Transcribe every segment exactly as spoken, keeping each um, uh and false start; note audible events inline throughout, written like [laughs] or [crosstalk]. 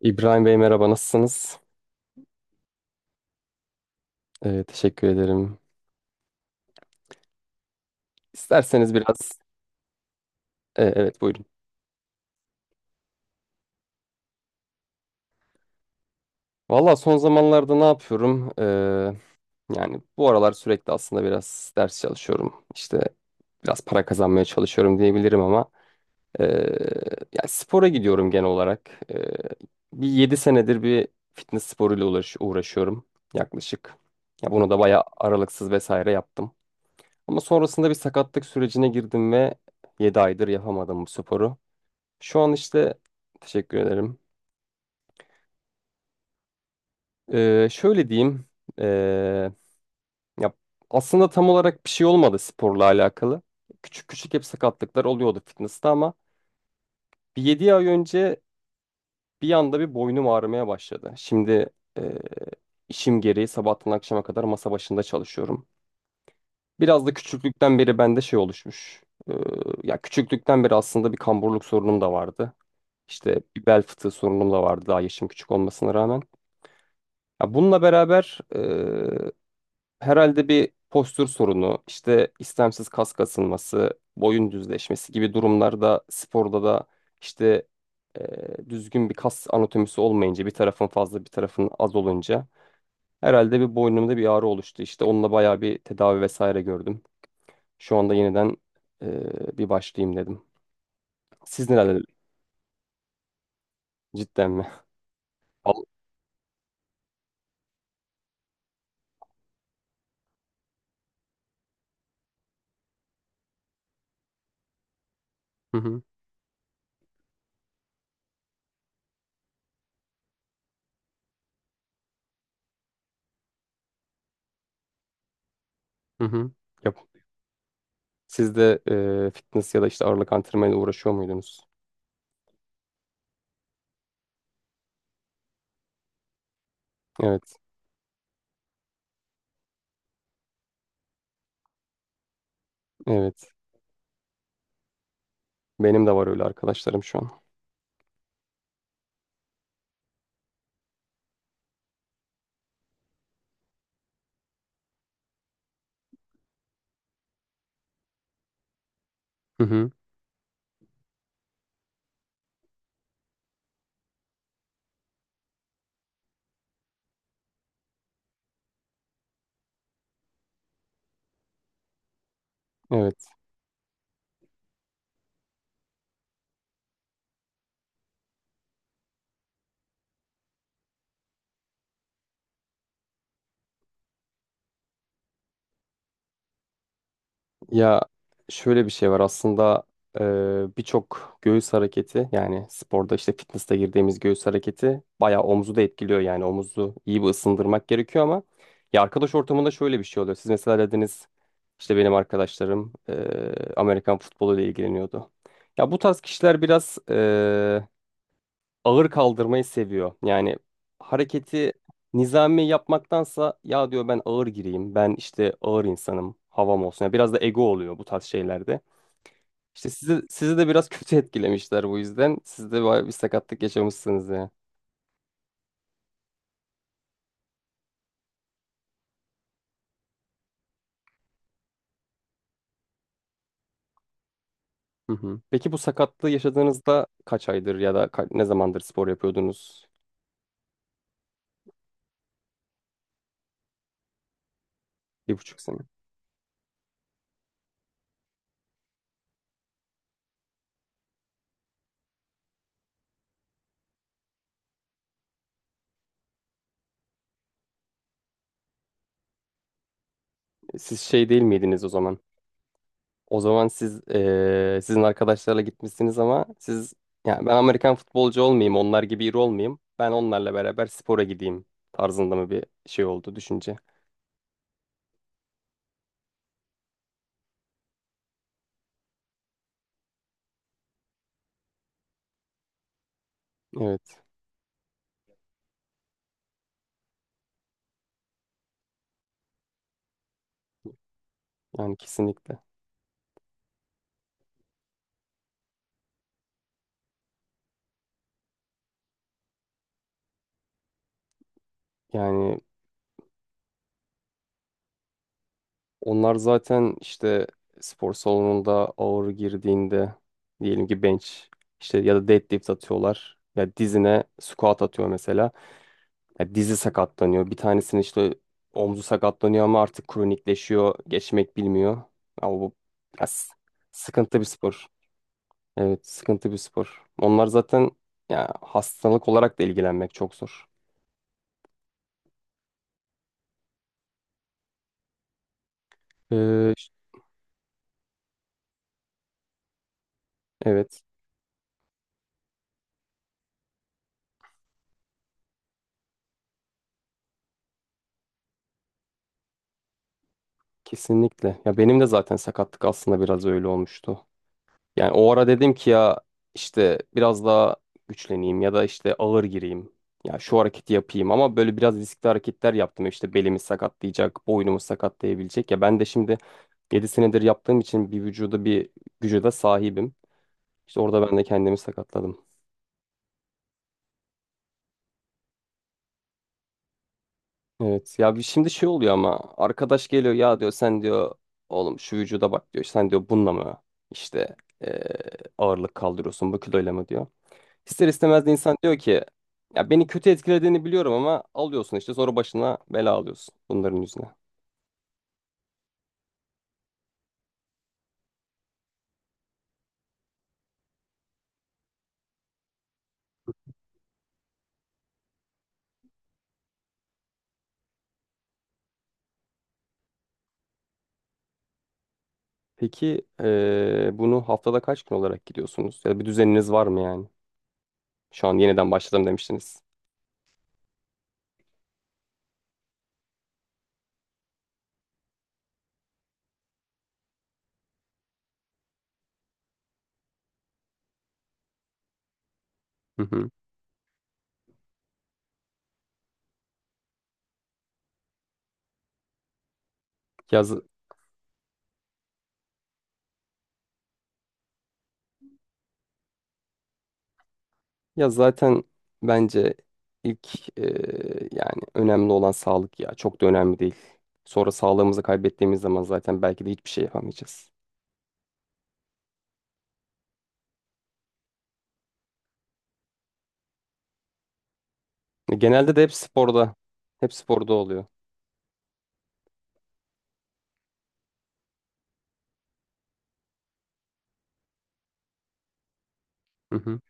İbrahim Bey merhaba, nasılsınız? Ee, teşekkür ederim. İsterseniz biraz... Ee, evet, buyurun. Valla, son zamanlarda ne yapıyorum? Ee, yani bu aralar sürekli aslında biraz ders çalışıyorum. İşte biraz para kazanmaya çalışıyorum diyebilirim ama ee, yani spora gidiyorum genel olarak. Ee, bir yedi senedir bir fitness sporuyla uğraş uğraşıyorum yaklaşık. Ya bunu da bayağı aralıksız vesaire yaptım. Ama sonrasında bir sakatlık sürecine girdim ve yedi aydır yapamadım bu sporu. Şu an işte teşekkür ederim. Ee, şöyle diyeyim. ee, Ya aslında tam olarak bir şey olmadı sporla alakalı. Küçük küçük hep sakatlıklar oluyordu fitness'ta ama bir yedi ay önce bir anda bir boynum ağrımaya başladı. Şimdi ee, işim gereği sabahtan akşama kadar masa başında çalışıyorum. Biraz da küçüklükten beri bende şey oluşmuş. Ee, Ya küçüklükten beri aslında bir kamburluk sorunum da vardı. İşte bir bel fıtığı sorunum da vardı daha yaşım küçük olmasına rağmen. Ya bununla beraber e, herhalde bir postür sorunu, işte istemsiz kas kasılması, boyun düzleşmesi gibi durumlarda sporda da işte e, düzgün bir kas anatomisi olmayınca bir tarafın fazla bir tarafın az olunca herhalde bir boynumda bir ağrı oluştu. İşte onunla bayağı bir tedavi vesaire gördüm. Şu anda yeniden e, bir başlayayım dedim. Siz neler? Cidden mi? Al. Hı hı, hı hı. Yap. Siz de e, fitness ya da işte ağırlık antrenmanıyla uğraşıyor muydunuz? Evet. Evet. Benim de var öyle arkadaşlarım şu an. Hı hı. Evet. Ya şöyle bir şey var aslında. E, birçok göğüs hareketi, yani sporda işte fitness'te girdiğimiz göğüs hareketi bayağı omuzu da etkiliyor, yani omuzu iyi bir ısındırmak gerekiyor ama ya arkadaş ortamında şöyle bir şey oluyor. Siz mesela dediniz işte benim arkadaşlarım e, Amerikan futbolu ile ilgileniyordu. Ya bu tarz kişiler biraz ağır kaldırmayı seviyor. Yani hareketi nizami yapmaktansa ya diyor ben ağır gireyim. Ben işte ağır insanım. Havam olsun. Yani biraz da ego oluyor bu tarz şeylerde. İşte sizi, sizi de biraz [laughs] kötü etkilemişler bu yüzden. Siz de bayağı bir sakatlık yaşamışsınız ya. Hı hı. Peki bu sakatlığı yaşadığınızda kaç aydır ya da ka- ne zamandır spor yapıyordunuz? Bir buçuk sene. Siz şey değil miydiniz o zaman? O zaman siz eee, sizin arkadaşlarla gitmişsiniz ama siz, yani ben Amerikan futbolcu olmayayım, onlar gibi iri olmayayım. Ben onlarla beraber spora gideyim tarzında mı bir şey oldu düşünce? Evet. Yani kesinlikle. Yani onlar zaten işte spor salonunda ağır girdiğinde, diyelim ki bench, işte, ya da deadlift atıyorlar. Ya dizine squat atıyor mesela. Ya dizi sakatlanıyor. Bir tanesinin işte omzu sakatlanıyor ama artık kronikleşiyor. Geçmek bilmiyor. Ama bu ya s- sıkıntı bir spor. Evet, sıkıntı bir spor. Onlar zaten ya hastalık olarak da ilgilenmek çok zor. Ee, ş- evet, kesinlikle. Ya benim de zaten sakatlık aslında biraz öyle olmuştu. Yani o ara dedim ki ya işte biraz daha güçleneyim ya da işte ağır gireyim. Ya şu hareketi yapayım ama böyle biraz riskli hareketler yaptım. İşte belimi sakatlayacak, boynumu sakatlayabilecek. Ya ben de şimdi yedi senedir yaptığım için bir vücuda bir güce de sahibim. İşte orada ben de kendimi sakatladım. Evet, ya bir şimdi şey oluyor ama arkadaş geliyor, ya diyor sen diyor oğlum şu vücuda bak diyor sen diyor bununla mı işte eee, ağırlık kaldırıyorsun bu kiloyla mı diyor. İster istemez de insan diyor ki ya beni kötü etkilediğini biliyorum ama alıyorsun işte sonra başına bela alıyorsun bunların yüzüne. Peki eee, bunu haftada kaç gün olarak gidiyorsunuz? Ya bir düzeniniz var mı yani? Şu an yeniden başladım demiştiniz. Hı hı. Ya, z- Ya zaten bence ilk eee, yani önemli olan sağlık, ya çok da önemli değil. Sonra sağlığımızı kaybettiğimiz zaman zaten belki de hiçbir şey yapamayacağız. E, Genelde de hep sporda, hep sporda oluyor. Hı hı.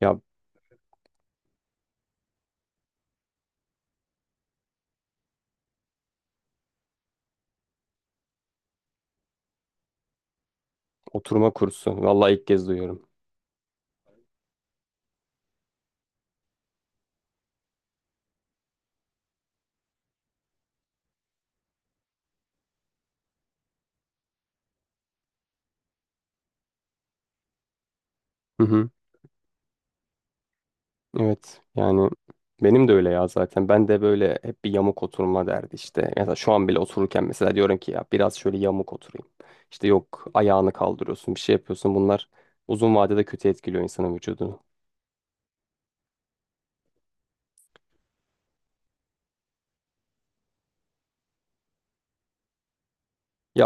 Ya, oturma kursu. Vallahi ilk kez duyuyorum. Hı hı. Evet. Yani benim de öyle ya zaten. Ben de böyle hep bir yamuk oturma derdi işte. Mesela şu an bile otururken mesela diyorum ki ya biraz şöyle yamuk oturayım. İşte yok, ayağını kaldırıyorsun, bir şey yapıyorsun. Bunlar uzun vadede kötü etkiliyor insanın vücudunu. Ya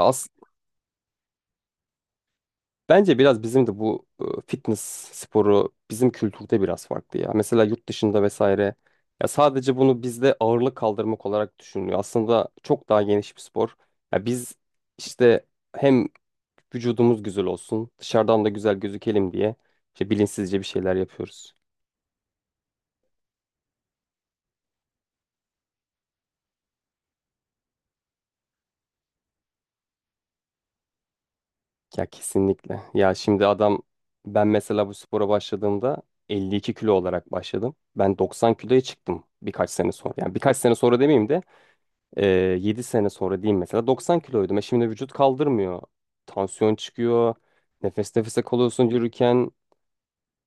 bence biraz bizim de bu e, fitness sporu bizim kültürde biraz farklı ya. Mesela yurt dışında vesaire, ya sadece bunu bizde ağırlık kaldırmak olarak düşünülüyor. Aslında çok daha geniş bir spor. Ya biz işte hem vücudumuz güzel olsun, dışarıdan da güzel gözükelim diye işte bilinçsizce bir şeyler yapıyoruz. Ya kesinlikle. Ya şimdi adam, ben mesela bu spora başladığımda elli iki kilo olarak başladım. Ben doksan kiloya çıktım birkaç sene sonra. Yani birkaç sene sonra demeyeyim de e, yedi sene sonra diyeyim mesela, doksan kiloydum. E şimdi vücut kaldırmıyor. Tansiyon çıkıyor. Nefes nefese kalıyorsun yürürken.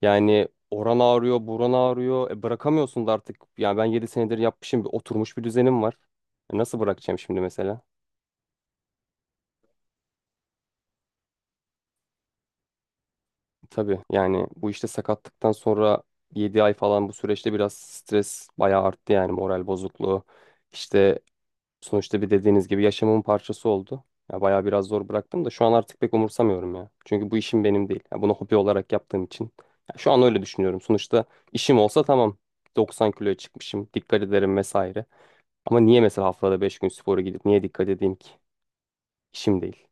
Yani oran ağrıyor, buran ağrıyor. E bırakamıyorsun da artık. Yani ben yedi senedir yapmışım. Bir oturmuş bir düzenim var. E nasıl bırakacağım şimdi mesela? Tabii, yani bu işte sakatlıktan sonra yedi ay falan bu süreçte biraz stres bayağı arttı, yani moral bozukluğu. İşte sonuçta, bir dediğiniz gibi, yaşamımın parçası oldu. Ya bayağı biraz zor bıraktım da şu an artık pek umursamıyorum ya. Çünkü bu işim benim değil. Ya bunu hobi olarak yaptığım için. Ya şu an öyle düşünüyorum. Sonuçta işim olsa tamam. doksan kiloya çıkmışım. Dikkat ederim vesaire. Ama niye mesela haftada beş gün spora gidip niye dikkat edeyim ki? İşim değil.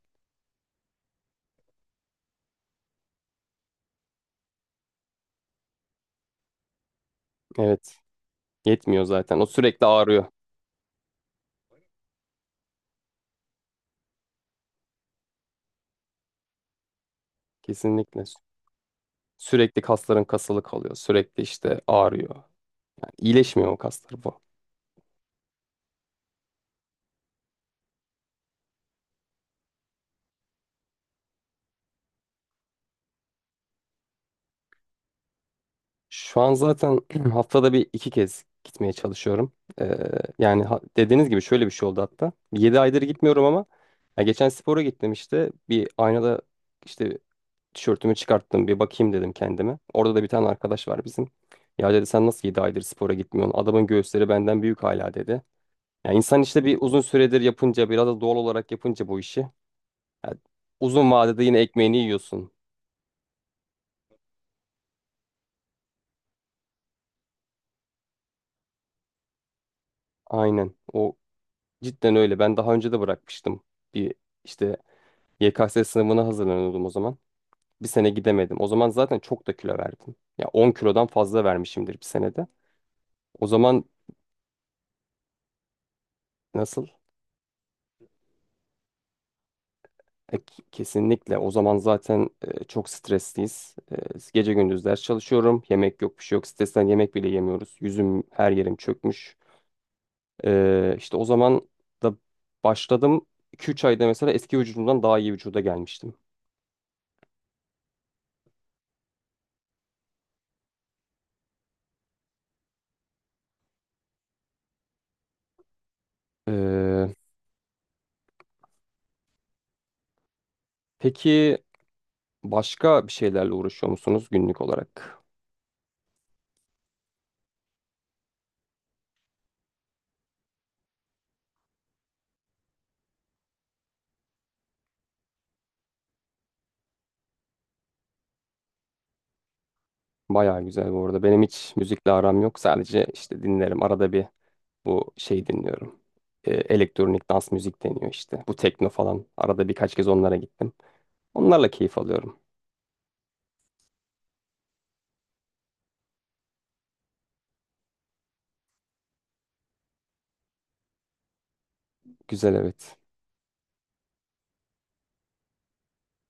Evet. Yetmiyor zaten. O sürekli ağrıyor. Kesinlikle. Sürekli kasların kasılı kalıyor. Sürekli işte ağrıyor. Yani iyileşmiyor o kaslar. Şu an zaten [clears throat] haftada bir iki kez gitmeye çalışıyorum. Ee, Yani ha- dediğiniz gibi şöyle bir şey oldu hatta. Yedi aydır gitmiyorum ama ya geçen spora gittim işte. Bir aynada işte tişörtümü çıkarttım, bir bakayım dedim kendime. Orada da bir tane arkadaş var bizim. Ya dedi, sen nasıl yedi aydır spora gitmiyorsun? Adamın göğüsleri benden büyük hala, dedi. Ya insan işte bir uzun süredir yapınca, biraz da doğal olarak yapınca bu işi, ya uzun vadede yine ekmeğini yiyorsun. Aynen. O cidden öyle. Ben daha önce de bırakmıştım. Bir işte Y K S sınavına hazırlanıyordum o zaman. Bir sene gidemedim. O zaman zaten çok da kilo verdim. Ya on kilodan fazla vermişimdir bir senede. O zaman nasıl? E, k- kesinlikle. O zaman zaten e, çok stresliyiz. E, gece gündüz ders çalışıyorum. Yemek yok, bir şey yok. Stresten yemek bile yemiyoruz. Yüzüm, her yerim çökmüş. Ee, işte o zaman da başladım. iki ila üç ayda mesela eski vücudumdan daha iyi vücuda gelmiştim. Ee, peki başka bir şeylerle uğraşıyor musunuz günlük olarak? Baya güzel bu arada. Benim hiç müzikle aram yok. Sadece işte dinlerim. Arada bir bu şey dinliyorum. Ee, elektronik dans müzik deniyor işte. Bu tekno falan. Arada birkaç kez onlara gittim. Onlarla keyif alıyorum. Güzel, evet.